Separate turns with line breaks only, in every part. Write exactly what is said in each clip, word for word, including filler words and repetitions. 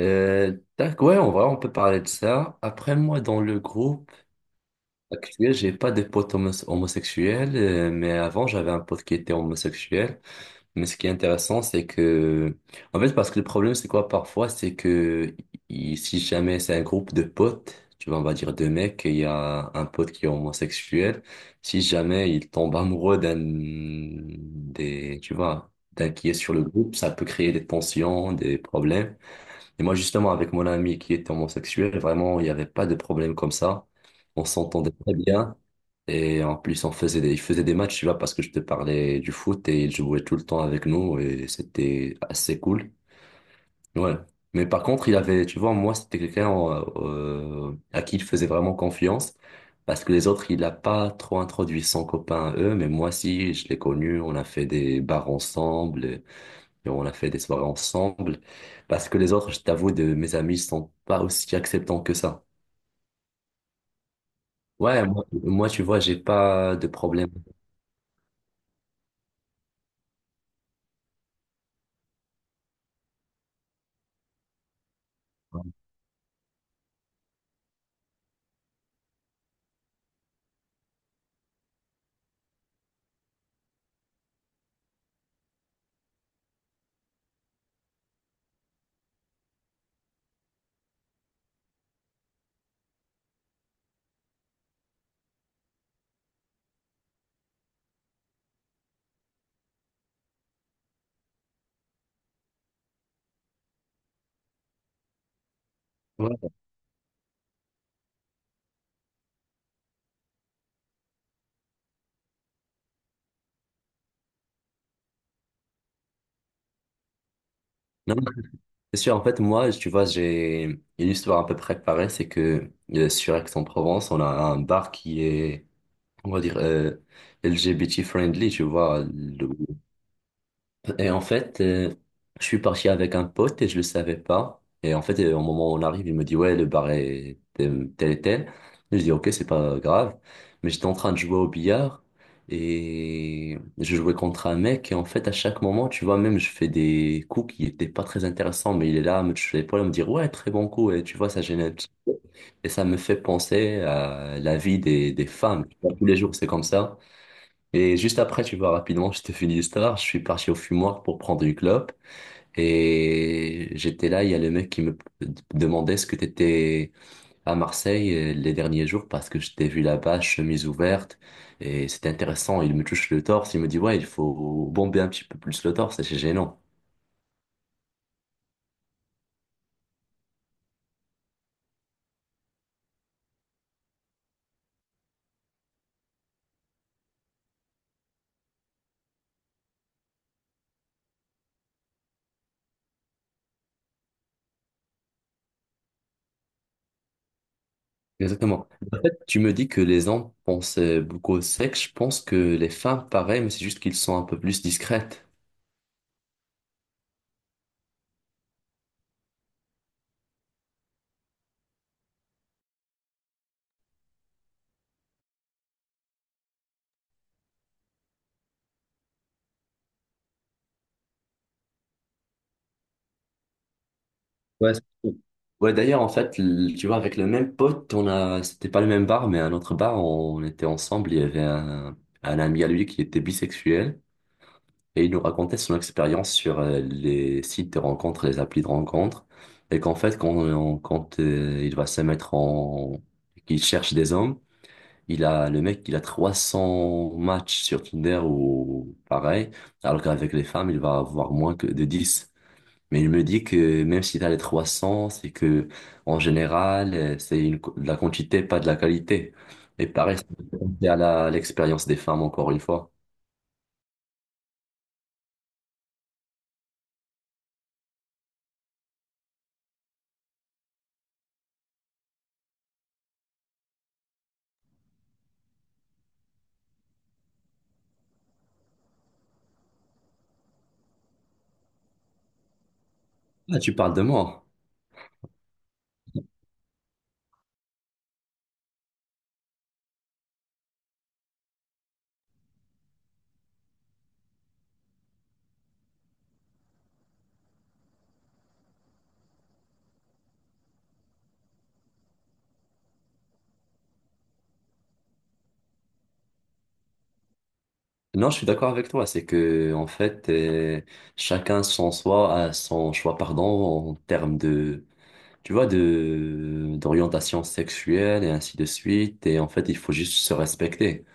Euh, tac, ouais, en vrai, on peut parler de ça. Après, moi, dans le groupe actuel, j'ai pas de potes homos- homosexuels, euh, mais avant, j'avais un pote qui était homosexuel. Mais ce qui est intéressant, c'est que, en fait, parce que le problème, c'est quoi parfois, c'est que i- si jamais c'est un groupe de potes, tu vois, on va dire deux mecs, et il y a un pote qui est homosexuel, si jamais il tombe amoureux d'un des, tu vois, d'un qui est sur le groupe, ça peut créer des tensions, des problèmes. Et moi, justement, avec mon ami qui était homosexuel, vraiment, il n'y avait pas de problème comme ça. On s'entendait très bien. Et en plus, on faisait des, il faisait des matchs, tu vois, parce que je te parlais du foot et il jouait tout le temps avec nous et c'était assez cool. Ouais. Mais par contre, il avait, tu vois, moi, c'était quelqu'un euh, euh, à qui il faisait vraiment confiance parce que les autres, il n'a pas trop introduit son copain à eux, mais moi, si, je l'ai connu, on a fait des bars ensemble. Et on a fait des soirées ensemble. Parce que les autres, je t'avoue, de mes amis, sont pas aussi acceptants que ça. Ouais, moi, moi, tu vois, j'ai pas de problème. Ouais. Non, non, c'est sûr. En fait, moi, tu vois, j'ai une histoire à peu près pareille. C'est que euh, sur Aix-en-Provence, on a un bar qui est, on va dire, euh, L G B T friendly, tu vois. Et en fait, euh, je suis parti avec un pote et je le savais pas. Et en fait, euh, au moment où on arrive, il me dit, ouais, le bar est tel, tel et tel. Et Je dis, ok, c'est pas grave. Mais j'étais en train de jouer au billard et je jouais contre un mec. Et en fait, à chaque moment, tu vois, même je fais des coups qui étaient pas très intéressants, mais il est là à me toucher l'épaule, à me dire, ouais, très bon coup. Et tu vois, ça gêne un petit peu. Et ça me fait penser à la vie des, des femmes. Tu vois, Tous les jours, c'est comme ça. Et juste après, tu vois, rapidement, je te fais l'histoire. Je suis parti au fumoir pour prendre une clope. Et j'étais là, il y a le mec qui me demandait ce que t'étais à Marseille euh, les derniers jours parce que je t'ai vu là-bas, chemise ouverte. Et c'était intéressant. Il me touche le torse. Il me dit, ouais, il faut bomber un petit peu plus le torse. C'est gênant. Exactement. Tu me dis que les hommes pensent euh, beaucoup au sexe. Je pense que les femmes, pareil, mais c'est juste qu'ils sont un peu plus discrètes. Ouais, c'est cool. Ouais, d'ailleurs, en fait, l- tu vois, avec le même pote, on a, c'était pas le même bar, mais un autre bar, on était ensemble, il y avait un, un ami à lui qui était bisexuel, et il nous racontait son expérience sur euh, les sites de rencontres, les applis de rencontres, et qu'en fait, quand, on- quand euh, il va se mettre en, qu'il cherche des hommes, il a, le mec, il a trois cents matchs sur Tinder ou pareil, alors qu'avec les femmes, il va avoir moins que de dix, mais je me dis que même si tu as les trois cents, c'est que en général, euh, c'est une, co- de la quantité, pas de la qualité. Et pareil, c'est à la- à l'expérience des femmes, encore une fois. Ah, tu parles de moi. Non, je suis d'accord avec toi. C'est que, en fait, euh, chacun son soi, a son choix, pardon, en termes de, tu vois, de, d'orientation sexuelle et ainsi de suite. Et en fait, il faut juste se respecter.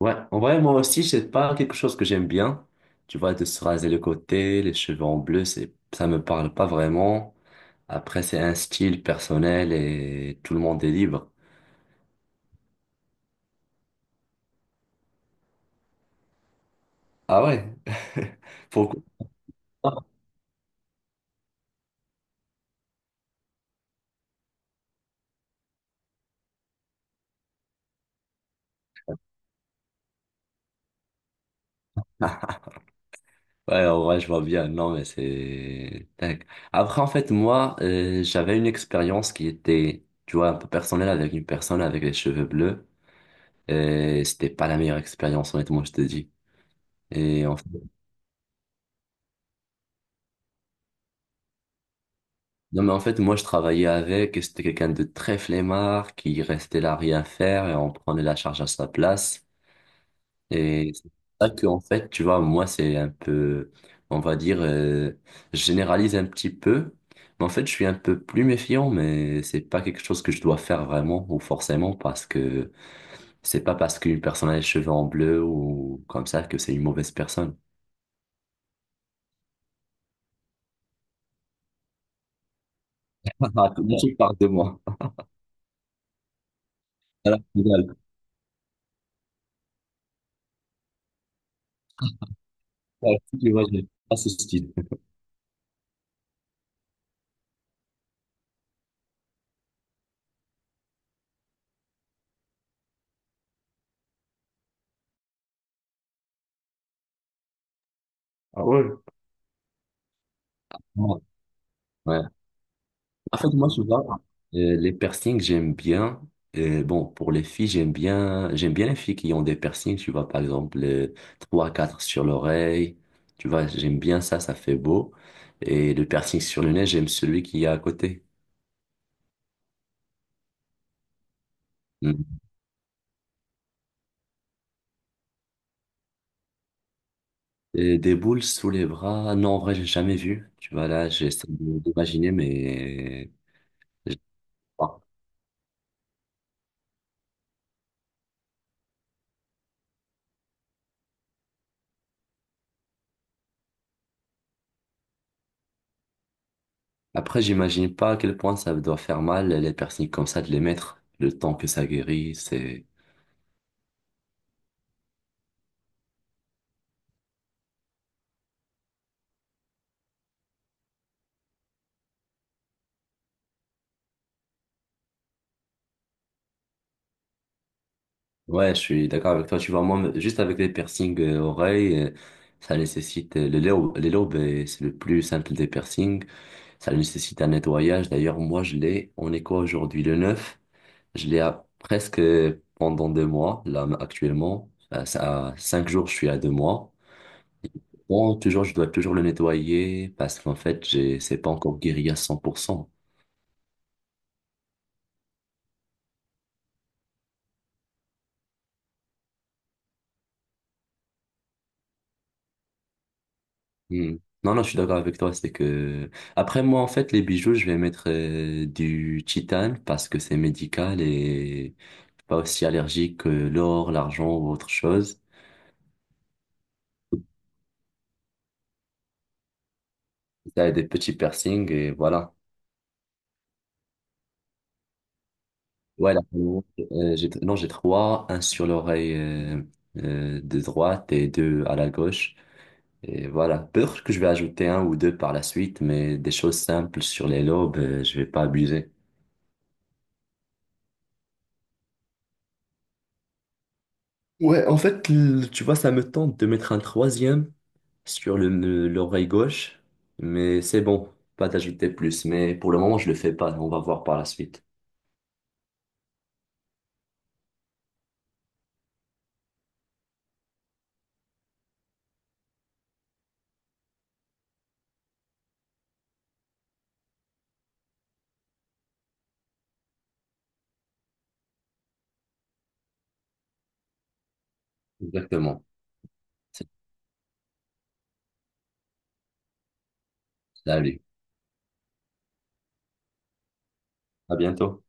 Ouais, en vrai, moi aussi, c'est pas quelque chose que j'aime bien. Tu vois, de se raser le côté, les cheveux en bleu, c'est, ça me parle pas vraiment. Après, c'est un style personnel et tout le monde est libre. Ah ouais? Pourquoi pas? Ouais, en vrai, je vois bien. Non, mais c'est tac. Après, en fait, moi, euh, j'avais une expérience qui était, tu vois, un peu personnelle avec une personne avec les cheveux bleus. Et c'était pas la meilleure expérience, honnêtement, je te dis. Et en fait, non, mais en fait, moi, je travaillais avec, et c'était quelqu'un de très flemmard qui restait là à rien faire et on prenait la charge à sa place. Et c'est pour ça que, en fait, tu vois, moi, c'est un peu, on va dire, euh, je généralise un petit peu, mais en fait, je suis un peu plus méfiant, mais c'est pas quelque chose que je dois faire vraiment ou forcément parce que c'est pas parce qu'une personne a les cheveux en bleu ou comme ça que c'est une mauvaise personne. Ah, tout le monde parle de moi. Voilà, génial. Ah, si tu vois, j'ai pas ce style. Ah ouais? Ouais. En fait, moi, souvent, euh, les piercings, j'aime bien. Euh, bon, pour les filles, j'aime bien, j'aime bien les filles qui ont des piercings, tu vois, par exemple, euh, trois, quatre sur l'oreille. Tu vois, j'aime bien ça, ça fait beau. Et le piercing sur le nez, j'aime celui qui est à côté. Mm. Et des boules sous les bras, non, en vrai, j'ai jamais vu. Tu vois, là, j'essaie de- d'imaginer, mais je sais pas. Après, j'imagine pas à quel point ça doit faire mal, les piercings comme ça, de les mettre. Le temps que ça guérit, c'est… Ouais, je suis d'accord avec toi. Tu vois, moi, juste avec les piercings euh, oreilles, euh, ça nécessite euh, les lobes, les lobes, euh, c'est le plus simple des piercings. Ça nécessite un nettoyage. D'ailleurs, moi, je l'ai. On est quoi aujourd'hui? Le neuf. Je l'ai à presque euh, pendant deux mois. Là, actuellement, à à cinq jours, je suis à deux mois. Bon, toujours, je dois toujours le nettoyer parce qu'en fait, j'ai, c'est pas encore guéri à cent pour cent. Hmm. Non, non, je suis d'accord avec toi. C'est que après moi, en fait, les bijoux, je vais mettre euh, du titane parce que c'est médical et pas aussi allergique que l'or, l'argent ou autre chose. Ça a des petits piercings et voilà. Ouais, là, euh, j'ai, non, j'ai trois, un sur l'oreille euh, euh, de droite et deux à la gauche. Et voilà. Peut-être que je vais ajouter un ou deux par la suite, mais des choses simples sur les lobes, euh, je vais pas abuser. Ouais, en fait, l- tu vois, ça me tente de mettre un troisième sur le, le- l'oreille gauche, mais c'est bon, pas d'ajouter plus. Mais pour le moment, je le fais pas. On va voir par la suite. Exactement. C'est- Salut. À bientôt.